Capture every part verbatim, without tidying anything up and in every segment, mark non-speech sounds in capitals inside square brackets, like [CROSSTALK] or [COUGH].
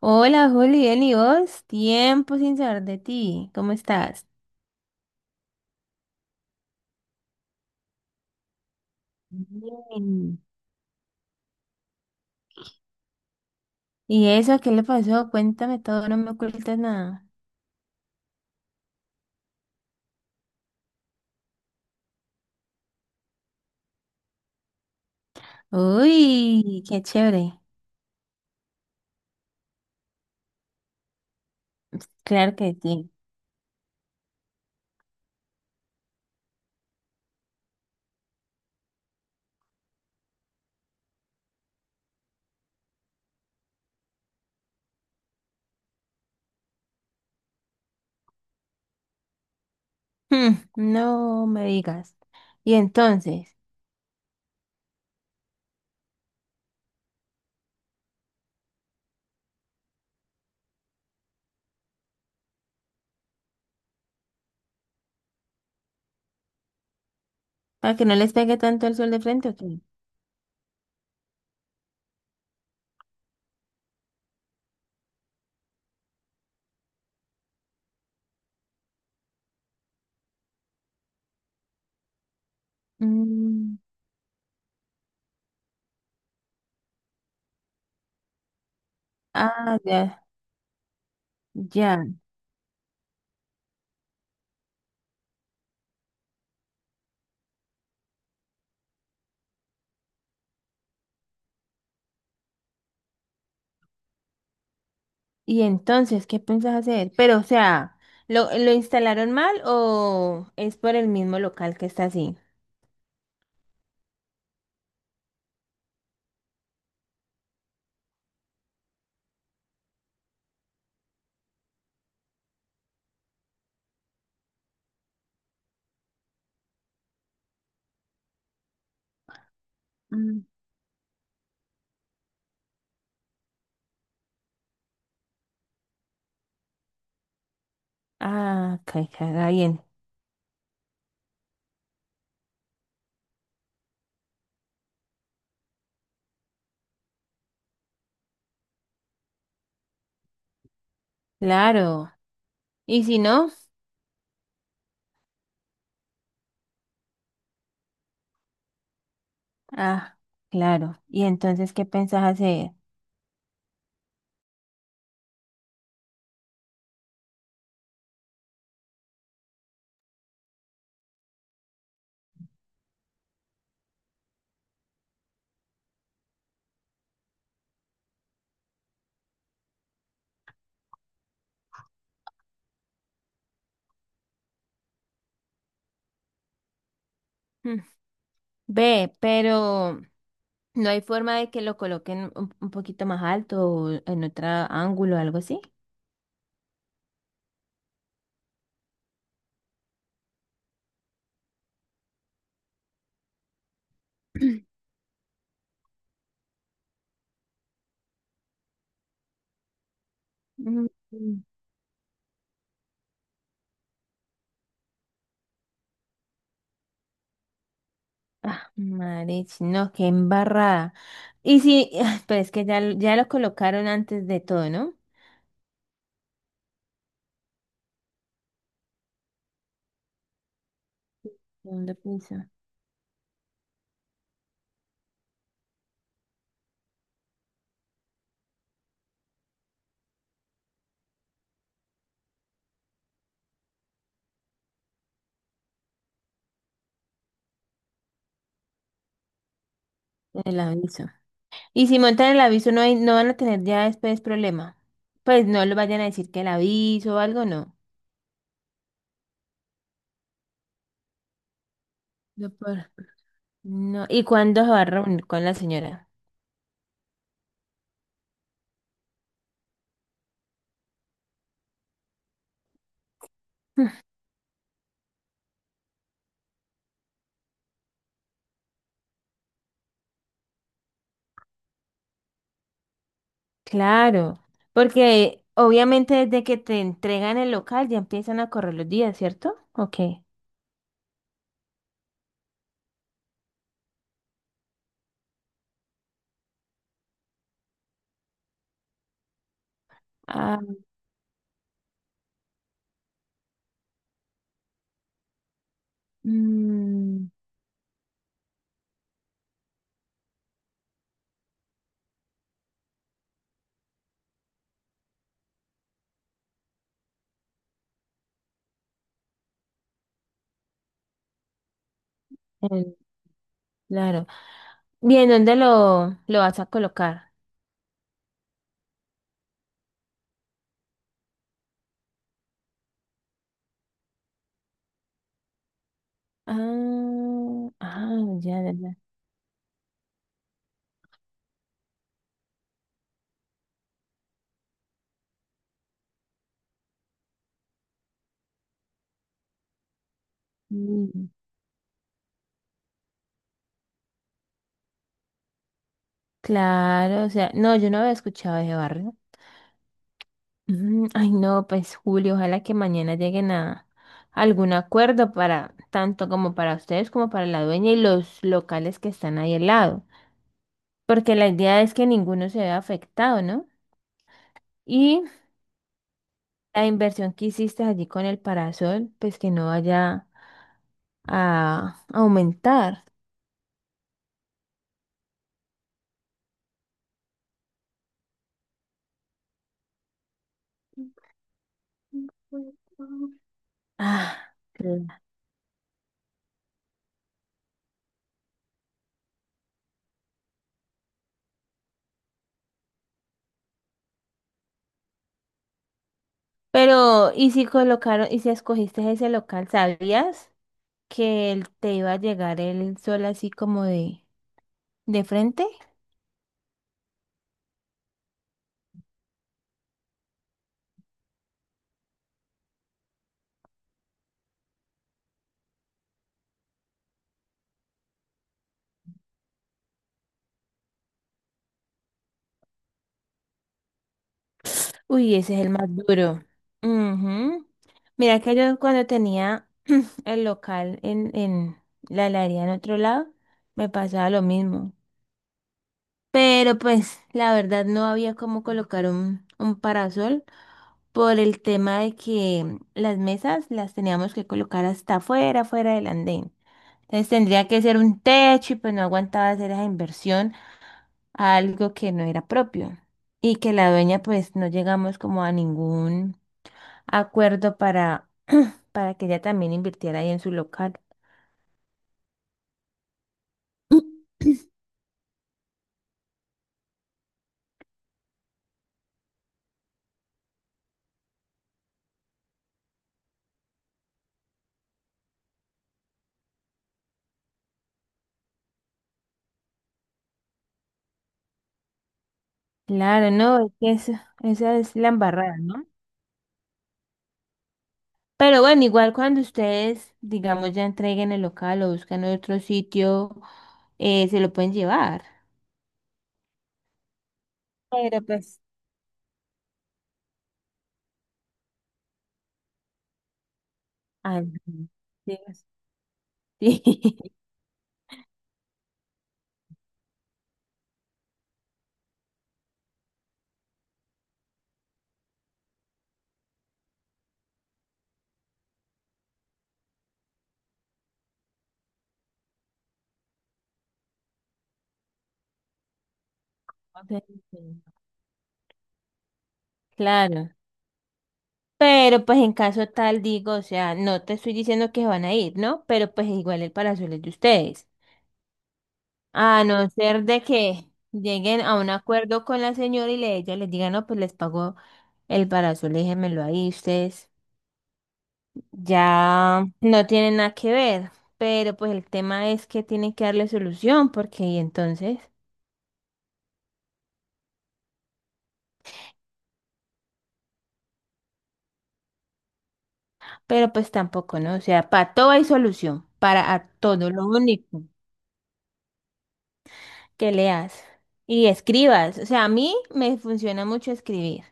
Hola, Juli, bien, ¿y vos? Tiempo sin saber de ti. ¿Cómo estás? Bien. ¿Y eso? ¿Qué le pasó? Cuéntame todo, no me ocultes nada. Uy, qué chévere. Claro que sí. Hmm, no me digas. Y entonces, ¿para que no les pegue tanto el sol de frente, o qué? Mm, ah, ya, ya. ¿Y entonces qué piensas hacer? Pero, o sea, ¿lo, lo instalaron mal o es por el mismo local que está así? Ah, caiga bien. Claro. Y si no. Ah, claro. ¿Y entonces qué pensás hacer? Mm, ve, pero no hay forma de que lo coloquen un, un poquito más alto o en otro ángulo o algo así. Mm, mm. Ah, marich, no, qué embarrada. Y si, [LAUGHS] [SIGHS] pero es que ya, lo- ya lo colocaron antes de todo, ¿no? Segundo piso. El aviso. Y si montan el aviso, no hay, no van a tener ya después problema. Pues no lo vayan a decir que el aviso o algo, no. No, por- No. ¿Y cuándo se va a reunir con la señora? Claro, porque obviamente desde que te entregan el local ya empiezan a correr los días, ¿cierto? Ok. Ah. Mm. eh, claro. Bien, ¿dónde lo, lo vas a colocar? Ah, ah, ya, ya, ya. Mm. Claro, o sea, no, yo no había escuchado ese barrio. Mm, ay, no, pues Julio, ojalá que mañana lleguen a algún acuerdo para tanto como para ustedes como para la dueña y los locales que están ahí al lado, porque la idea es que ninguno se vea afectado, ¿no? Y la inversión que hiciste allí con el parasol, pues que no vaya a aumentar. Ah, claro. Pero, ¿y si colocaron, y si escogiste ese local, sabías que el- te iba a llegar el sol así como de... ¿De frente? Uy, ese es el más duro. Ujú. Mira que yo cuando tenía el local en, en la heladería en otro lado, me pasaba lo mismo. Pero pues la verdad no había cómo colocar un, un parasol por el tema de que las mesas las teníamos que colocar hasta afuera, afuera del andén. Entonces tendría que ser un techo y pues no aguantaba hacer esa inversión a algo que no era propio. Y que la dueña pues no llegamos como a ningún acuerdo para, para que ella también invirtiera ahí en su local. [CLEARS THROAT] Claro, no, es que esa, esa es la embarrada, ¿no? Pero bueno, igual cuando ustedes, digamos, ya entreguen el local o buscan otro sitio, eh, se lo pueden llevar. Pero pues, ay, [LAUGHS] no, sí, sí, [LAUGHS] claro. Pero pues en caso tal, digo, o sea, no te estoy diciendo que van a ir, ¿no? Pero pues igual el parasol es de ustedes. A no ser de que lleguen a un acuerdo con la señora y le, ella les diga, no, pues les pago el parasol, déjenmelo ahí ustedes. Ya no tienen nada que ver, pero pues el tema es que tienen que darle solución, porque y entonces, pero pues tampoco, ¿no? O sea, para todo hay solución, para a todo, lo único que leas y escribas. O sea, a mí me funciona mucho escribir,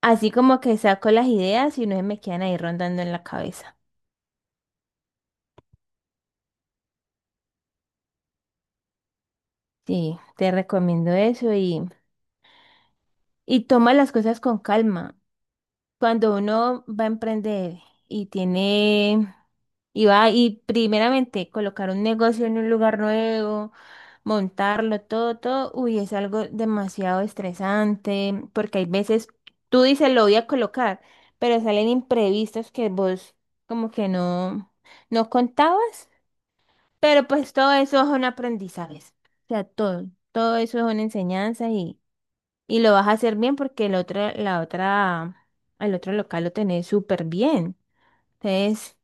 así como que saco las ideas y no se me quedan ahí rondando en la cabeza. Sí, te recomiendo eso y, y toma las cosas con calma. Cuando uno va a emprender y tiene, y va y primeramente colocar un negocio en un lugar nuevo, montarlo, todo, todo, uy, es algo demasiado estresante, porque hay veces tú dices lo voy a colocar, pero salen imprevistos que vos como que no, no contabas, pero pues todo eso es un aprendizaje, o sea, todo, todo eso es una enseñanza y... Y lo vas a hacer bien porque el otro, la otra, el otro local lo tenés súper bien. Entonces,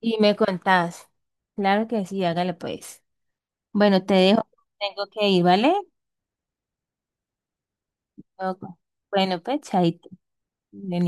y me contás. Claro que sí, hágale pues. Bueno, te dejo. Tengo que ir, ¿vale? Ok. Bueno, pues, chaito. De